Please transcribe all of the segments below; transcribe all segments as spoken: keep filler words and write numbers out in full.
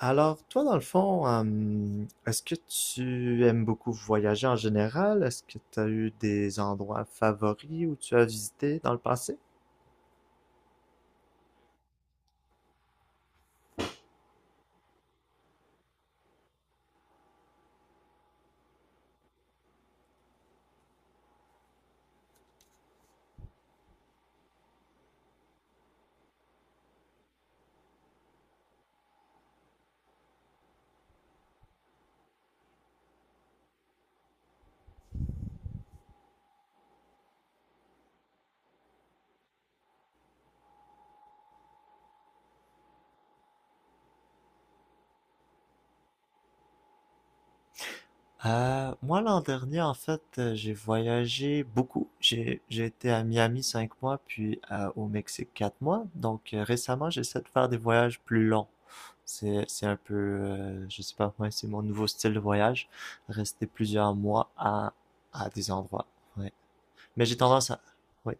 Alors, toi, dans le fond, euh, est-ce que tu aimes beaucoup voyager en général? Est-ce que tu as eu des endroits favoris où tu as visité dans le passé? Euh, moi, l'an dernier, en fait, euh, j'ai voyagé beaucoup. J'ai, j'ai été à Miami cinq mois, puis euh, au Mexique quatre mois. Donc, euh, récemment, j'essaie de faire des voyages plus longs. C'est, c'est un peu, euh, je sais pas, moi, c'est mon nouveau style de voyage. Rester plusieurs mois à, à des endroits. Ouais. Mais j'ai tendance à, oui.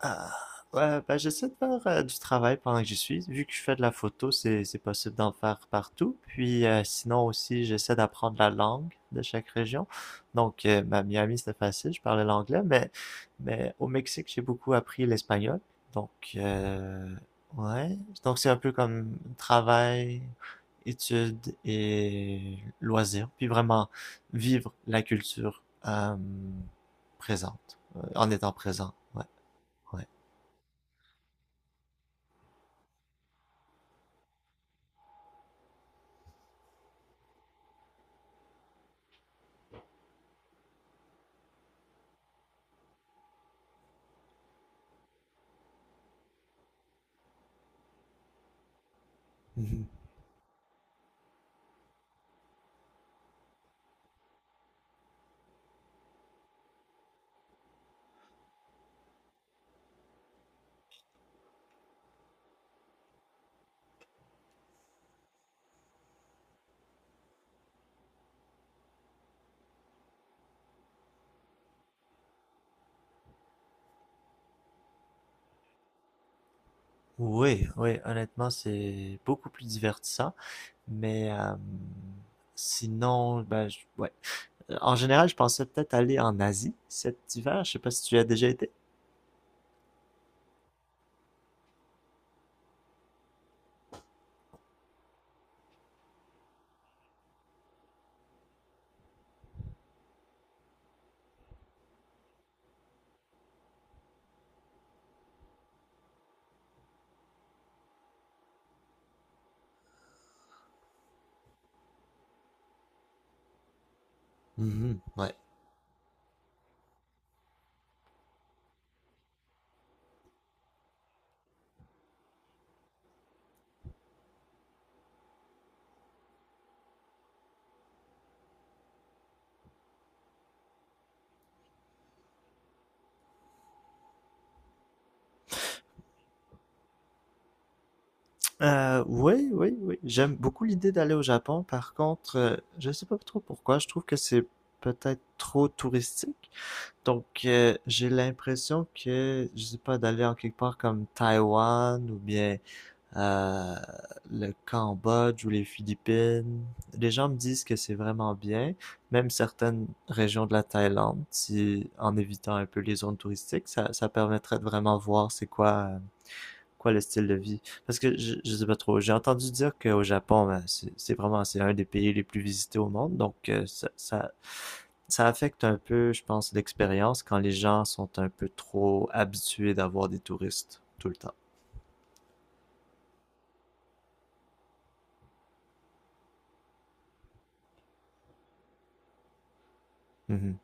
Ah, ouais, ben j'essaie de faire euh, du travail pendant que j'y suis. Vu que je fais de la photo, c'est c'est possible d'en faire partout. Puis euh, sinon aussi, j'essaie d'apprendre la langue de chaque région. Donc, euh, ben, Miami, c'était facile, je parlais l'anglais, mais, mais au Mexique, j'ai beaucoup appris l'espagnol. Donc, euh, ouais. Donc, c'est un peu comme travail, études et loisirs. Puis vraiment vivre la culture euh, présente, euh, en étant présent. Ouais, ouais. Mhm. Oui, oui, honnêtement, c'est beaucoup plus divertissant. Mais euh, sinon, ben, je- ouais. En général, je pensais peut-être aller en Asie cet hiver. Je sais pas si tu y as déjà été. Mhm. Ouais. Euh, oui, oui, oui. J'aime beaucoup l'idée d'aller au Japon. Par contre, euh, je sais pas trop pourquoi. Je trouve que c'est peut-être trop touristique. Donc, euh, j'ai l'impression que, je sais pas, d'aller en quelque part comme Taïwan ou bien euh, le Cambodge ou les Philippines. Les gens me disent que c'est vraiment bien, même certaines régions de la Thaïlande, si en évitant un peu les zones touristiques, ça, ça permettrait de vraiment voir c'est quoi, euh, quoi le style de vie. Parce que je, je sais pas trop, j'ai entendu dire qu'au Japon, ben, c'est c'est vraiment c'est un des pays les plus visités au monde, donc euh, ça, ça, ça affecte un peu, je pense, l'expérience quand les gens sont un peu trop habitués d'avoir des touristes tout le temps. Mhm.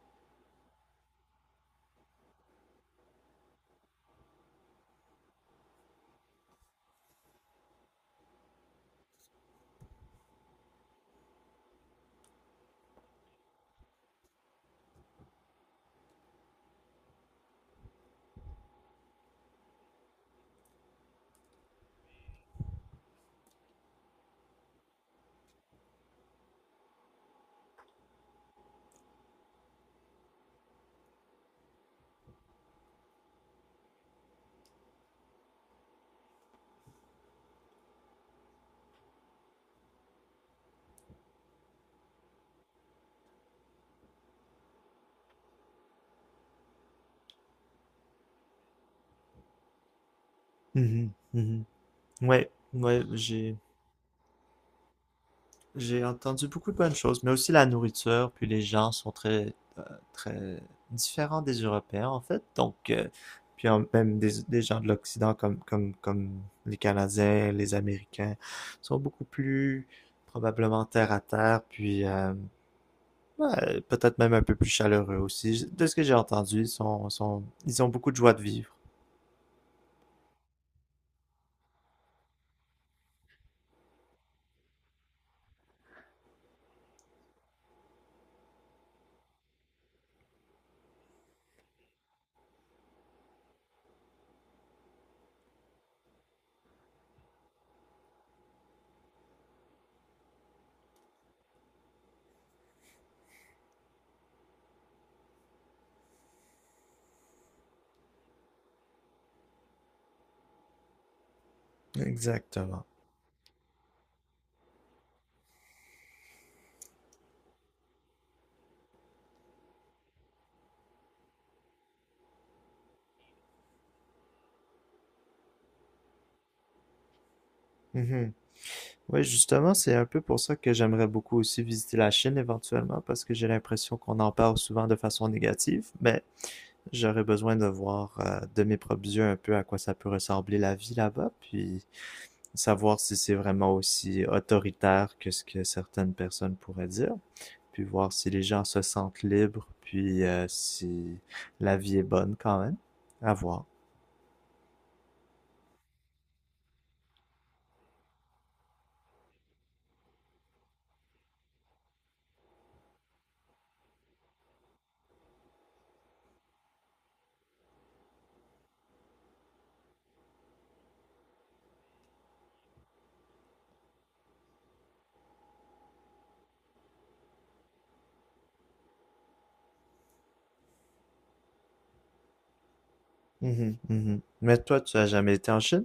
Mhm, mhm. Ouais, ouais, j'ai j'ai entendu beaucoup de bonnes choses, mais aussi la nourriture, puis les gens sont très euh, très différents des Européens en fait. Donc euh, puis en- même des, des gens de l'Occident comme comme comme les Canadiens, les Américains sont beaucoup plus probablement terre à terre, puis euh, ouais, peut-être même un peu plus chaleureux aussi. De ce que j'ai entendu, ils sont, sont ils ont beaucoup de joie de vivre. Exactement. Oui, justement, c'est un peu pour ça que j'aimerais beaucoup aussi visiter la Chine éventuellement, parce que j'ai l'impression qu'on en parle souvent de façon négative, mais j'aurais besoin de voir euh, de mes propres yeux un peu à quoi ça peut ressembler la vie là-bas, puis savoir si c'est vraiment aussi autoritaire que ce que certaines personnes pourraient dire, puis voir si les gens se sentent libres, puis euh, si la vie est bonne quand même. À voir. Mhm, mhm. Mais toi, tu as jamais été en Chine?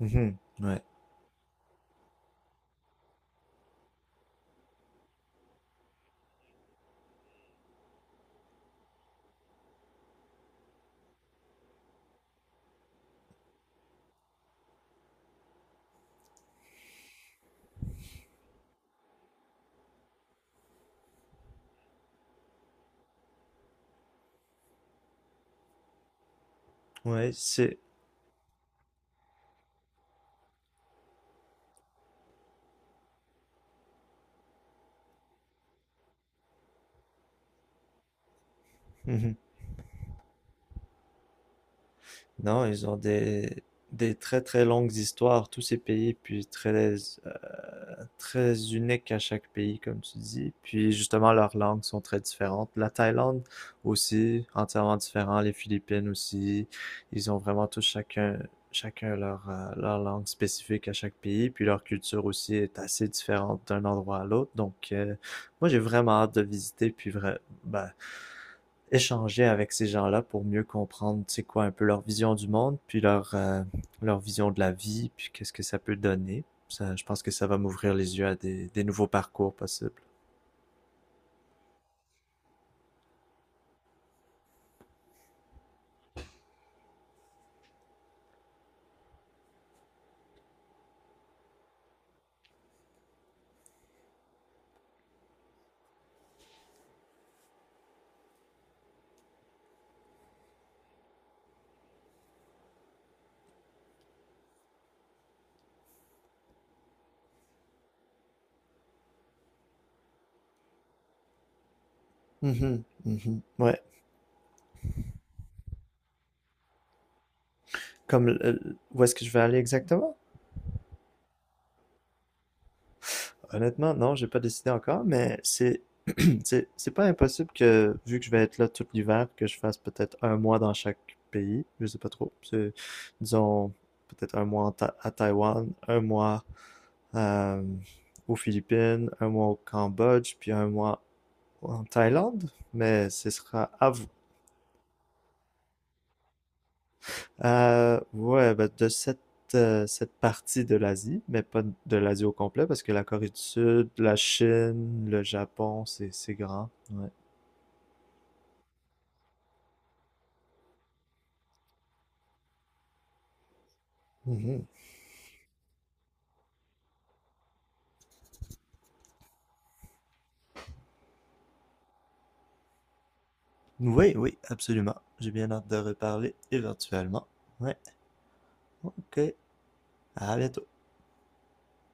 Mhm, Ouais. Ouais, c'est... Mhm. Non, ils ont des, des très très longues histoires, tous ces pays, puis très, euh, très uniques à chaque pays, comme tu dis. Puis justement, leurs langues sont très différentes. La Thaïlande aussi, entièrement différent. Les Philippines aussi. Ils ont vraiment tous chacun, chacun leur, euh, leur langue spécifique à chaque pays. Puis leur culture aussi est assez différente d'un endroit à l'autre. Donc, euh, moi, j'ai vraiment hâte de visiter, puis vra- ben, échanger avec ces gens-là pour mieux comprendre, c'est quoi, un peu leur vision du monde, puis leur, euh, leur vision de la vie, puis qu'est-ce que ça peut donner. Ça, je pense que ça va m'ouvrir les yeux à des, des nouveaux parcours possibles. Mhm, mhm. Ouais. Comme, euh, où est-ce que je vais aller exactement? Honnêtement, non, j'ai pas décidé encore, mais c'est C'est c'est pas impossible que, vu que je vais être là tout l'hiver, que je fasse peut-être un mois dans chaque pays. Je sais pas trop. C'est, disons, peut-être un mois en Ta- à Taïwan, un mois euh, aux Philippines, un mois au Cambodge, puis un mois en Thaïlande. Mais ce sera à vous. Euh, ouais, ben, de cette, euh, cette partie de l'Asie, mais pas de l'Asie au complet, parce que la Corée du Sud, la Chine, le Japon, c'est c'est grand. Ouais. Mhm. Oui, oui, absolument. J'ai bien hâte de reparler éventuellement. Ouais. OK. À bientôt.